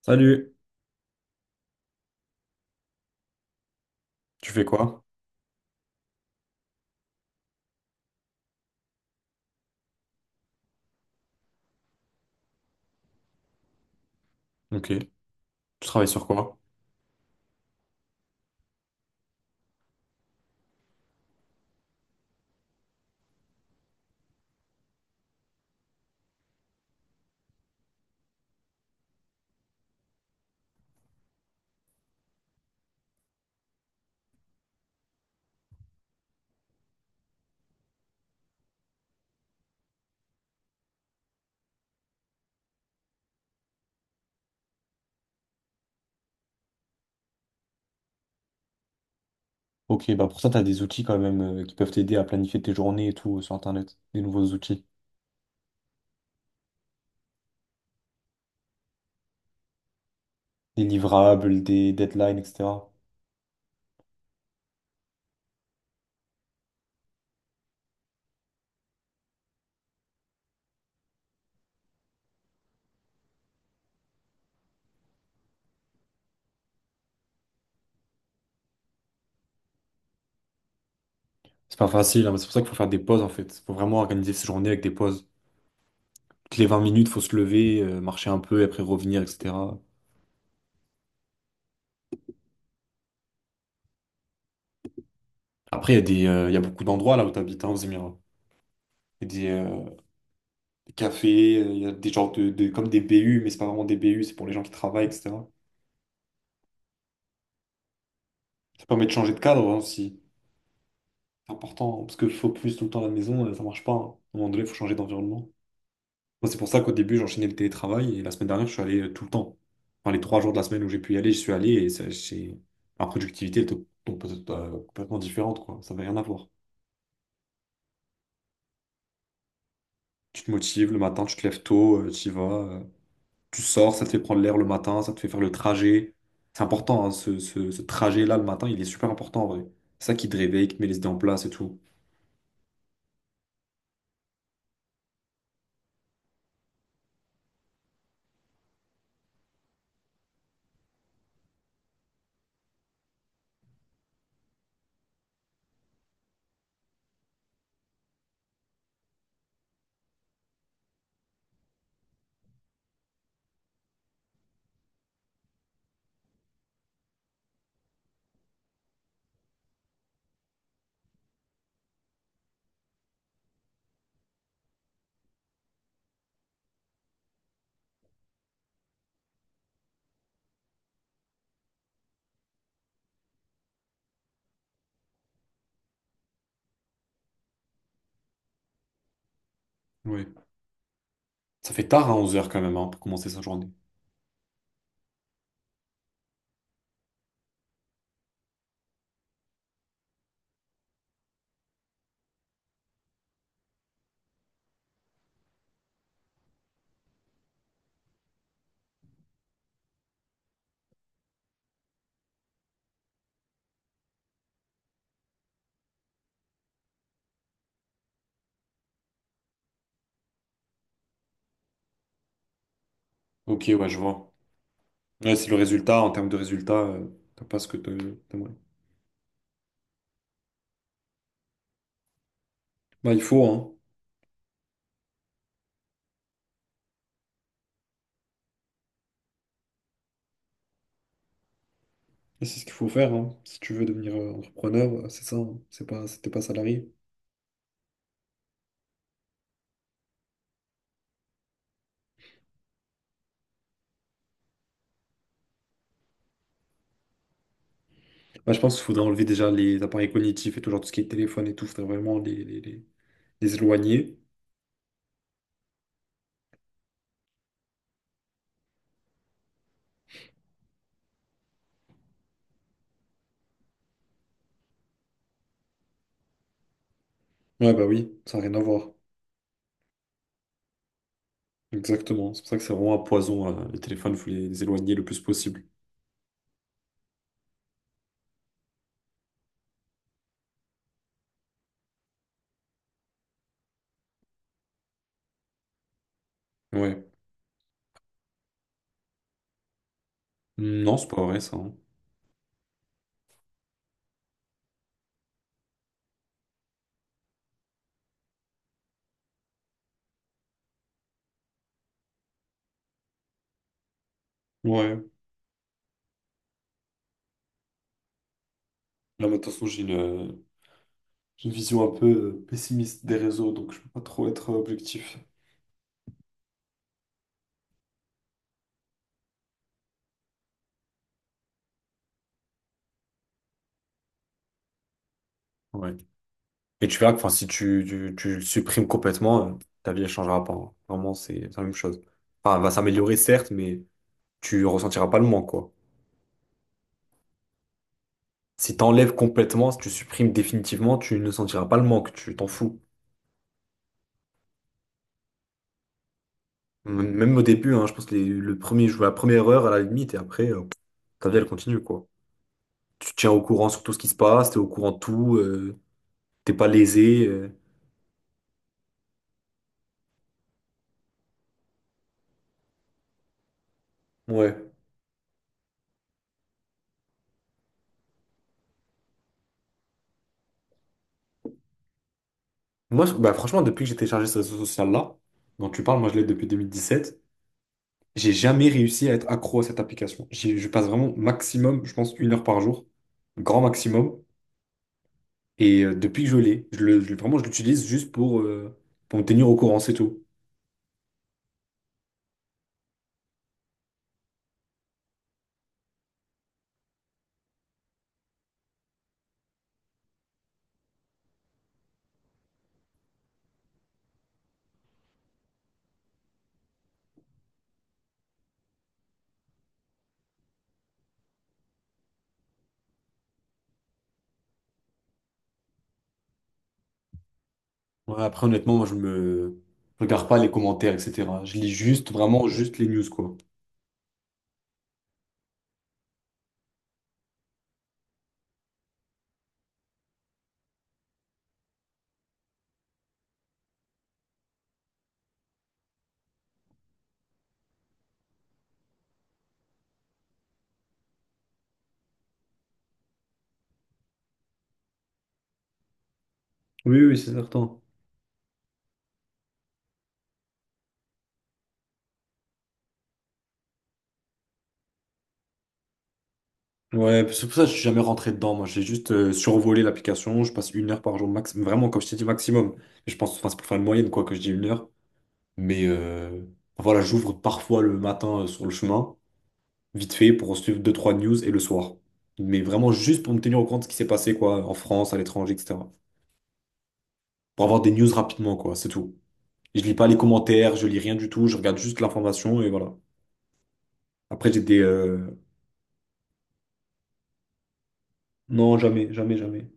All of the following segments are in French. Salut. Tu fais quoi? Ok. Tu travailles sur quoi? Ok, bah pour ça, t'as des outils quand même qui peuvent t'aider à planifier tes journées et tout sur Internet. Des nouveaux outils. Des livrables, des deadlines, etc. C'est pas facile, hein, mais c'est pour ça qu'il faut faire des pauses en fait. Faut vraiment organiser ses journées avec des pauses. Toutes les 20 minutes, faut se lever, marcher un peu et après revenir, etc. Après, il y a beaucoup d'endroits là où t'habites, hein, aux Émirats. Il y a des cafés, il y a des genres comme des BU, mais c'est pas vraiment des BU, c'est pour les gens qui travaillent, etc. Ça permet de changer de cadre, hein, aussi. C'est important, hein, parce que focus tout le temps à la maison, ça marche pas, hein. À un moment donné, il faut changer d'environnement. Moi, c'est pour ça qu'au début, j'enchaînais le télétravail et la semaine dernière, je suis allé tout le temps. Enfin, les 3 jours de la semaine où j'ai pu y aller, je suis allé et ma productivité était donc, peut-être, complètement différente, quoi. Ça n'avait rien à voir. Tu te motives le matin, tu te lèves tôt, tu y vas, tu sors, ça te fait prendre l'air le matin, ça te fait faire le trajet. C'est important, hein, ce trajet-là le matin, il est super important en vrai. C'est ça qui te réveille, qui te met les idées en place et tout. Oui. Ça fait tard à 11 heures quand même, hein, pour commencer sa journée. Ok, ouais, je vois. Ouais, c'est le résultat, en termes de résultat, t'as pas ce que t'aimerais. Bah, il faut, hein. Et c'est ce qu'il faut faire, hein. Si tu veux devenir entrepreneur, c'est ça, hein. C'était pas salarié. Bah, je pense qu'il faudrait enlever déjà les appareils cognitifs et tout, genre tout ce qui est téléphone et tout, faudrait vraiment les éloigner. Ouais, bah oui, ça n'a rien à voir. Exactement. C'est pour ça que c'est vraiment un poison, hein. Les téléphones, il faut les éloigner le plus possible. Ouais. Non, c'est pas vrai, ça, hein. Ouais. Là, mais de toute façon, j'ai une vision un peu pessimiste des réseaux, donc je peux pas trop être objectif. Ouais. Et tu verras que, enfin, si tu le supprimes complètement, ta vie ne changera pas, hein. Vraiment, c'est la même chose. Enfin, elle va s'améliorer, certes, mais tu ressentiras pas le manque, quoi. Si tu enlèves complètement, si tu supprimes définitivement, tu ne sentiras pas le manque, tu t'en fous. Même au début, hein, je pense que le premier, je joue à la première heure à la limite, et après, ta vie, elle continue, quoi. Tu te tiens au courant sur tout ce qui se passe, t'es au courant de tout, t'es pas lésé. Ouais. Moi, bah, franchement, depuis que j'ai téléchargé ce réseau social-là, dont tu parles, moi je l'ai depuis 2017. J'ai jamais réussi à être accro à cette application. Je passe vraiment maximum, je pense, une heure par jour, grand maximum. Et depuis que je l'ai, vraiment, je l'utilise juste pour me tenir au courant, c'est tout. Ouais, après, honnêtement, moi, je regarde pas les commentaires, etc. Je lis juste, vraiment, juste les news, quoi. Oui, oui, c'est certain. Ouais, c'est pour ça que je suis jamais rentré dedans. Moi, j'ai juste survolé l'application. Je passe une heure par jour, max, vraiment, comme je t'ai dit, maximum. Je pense, enfin, c'est pour faire une moyenne, quoi, que je dis une heure. Mais voilà, j'ouvre parfois le matin sur le chemin, vite fait, pour suivre deux trois news et le soir. Mais vraiment juste pour me tenir au courant de ce qui s'est passé, quoi, en France, à l'étranger, etc. Pour avoir des news rapidement, quoi, c'est tout. Et je lis pas les commentaires, je lis rien du tout, je regarde juste l'information et voilà. Après, non, jamais, jamais, jamais.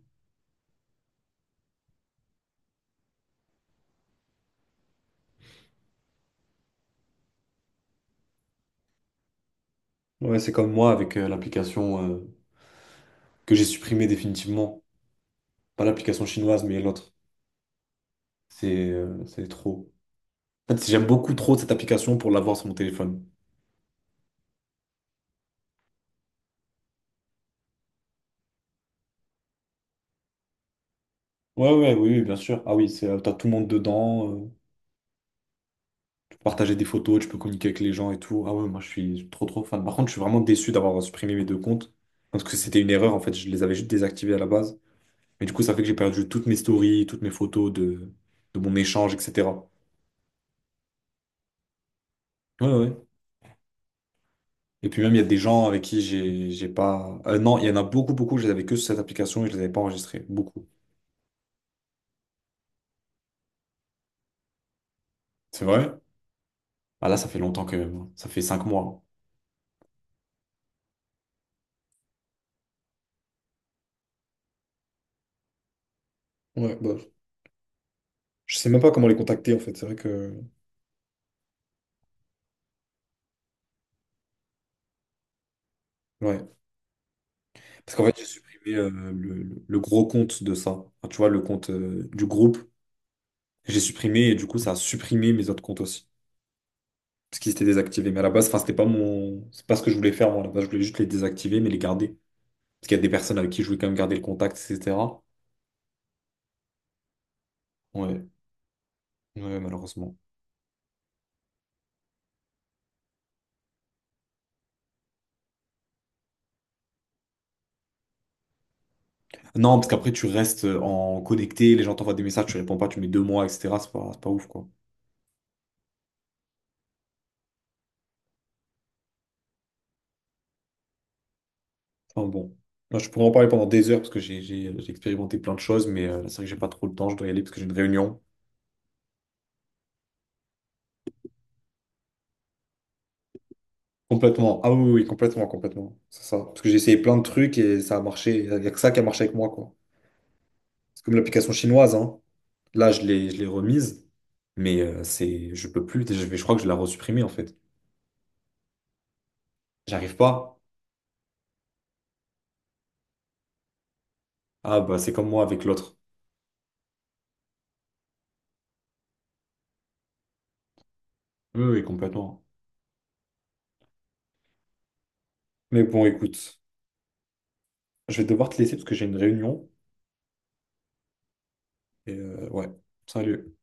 Ouais, c'est comme moi avec l'application que j'ai supprimée définitivement. Pas l'application chinoise, mais l'autre. C'est trop. En fait, j'aime beaucoup trop cette application pour l'avoir sur mon téléphone. Ouais, ouais, oui, oui, bien sûr. Ah oui, t'as tout le monde dedans. Partager des photos, tu peux communiquer avec les gens et tout. Ah ouais, moi je suis trop trop fan. Par contre, je suis vraiment déçu d'avoir supprimé mes deux comptes parce que c'était une erreur en fait. Je les avais juste désactivés à la base. Mais du coup, ça fait que j'ai perdu toutes mes stories, toutes mes photos de mon échange, etc. Ouais, ouais. Ouais. Et puis même, il y a des gens avec qui j'ai pas. Non, il y en a beaucoup, beaucoup. Je les avais que sur cette application et je les avais pas enregistrés. Beaucoup. C'est vrai? Ah là, ça fait longtemps quand même, hein. Ça fait 5 mois. Ouais, bah, je sais même pas comment les contacter en fait. C'est vrai que. Ouais. Parce qu'en fait, j'ai supprimé le gros compte de ça. Enfin, tu vois, le compte du groupe. J'ai supprimé et du coup, ça a supprimé mes autres comptes aussi. Parce qu'ils étaient désactivés. Mais à la base, enfin, c'était pas mon, c'est pas ce que je voulais faire, moi. À la base, je voulais juste les désactiver, mais les garder. Parce qu'il y a des personnes avec qui je voulais quand même garder le contact, etc. Ouais. Ouais, malheureusement. Non, parce qu'après, tu restes en connecté, les gens t'envoient des messages, tu réponds pas, tu mets 2 mois, etc. C'est pas ouf, quoi. Enfin, bon. Moi, je pourrais en parler pendant des heures parce que j'ai expérimenté plein de choses, mais là, c'est vrai que j'ai pas trop le temps, je dois y aller parce que j'ai une réunion. Complètement. Ah oui, oui, oui, complètement, complètement. C'est ça. Parce que j'ai essayé plein de trucs et ça a marché. Il n'y a que ça qui a marché avec moi, quoi. C'est comme l'application chinoise, hein. Là, je l'ai remise, mais je peux plus. Je crois que je l'ai resupprimée, en fait. J'arrive pas. Ah, bah, c'est comme moi avec l'autre. Oui, oui, complètement. Mais bon, écoute, je vais devoir te laisser parce que j'ai une réunion. Ouais, salut.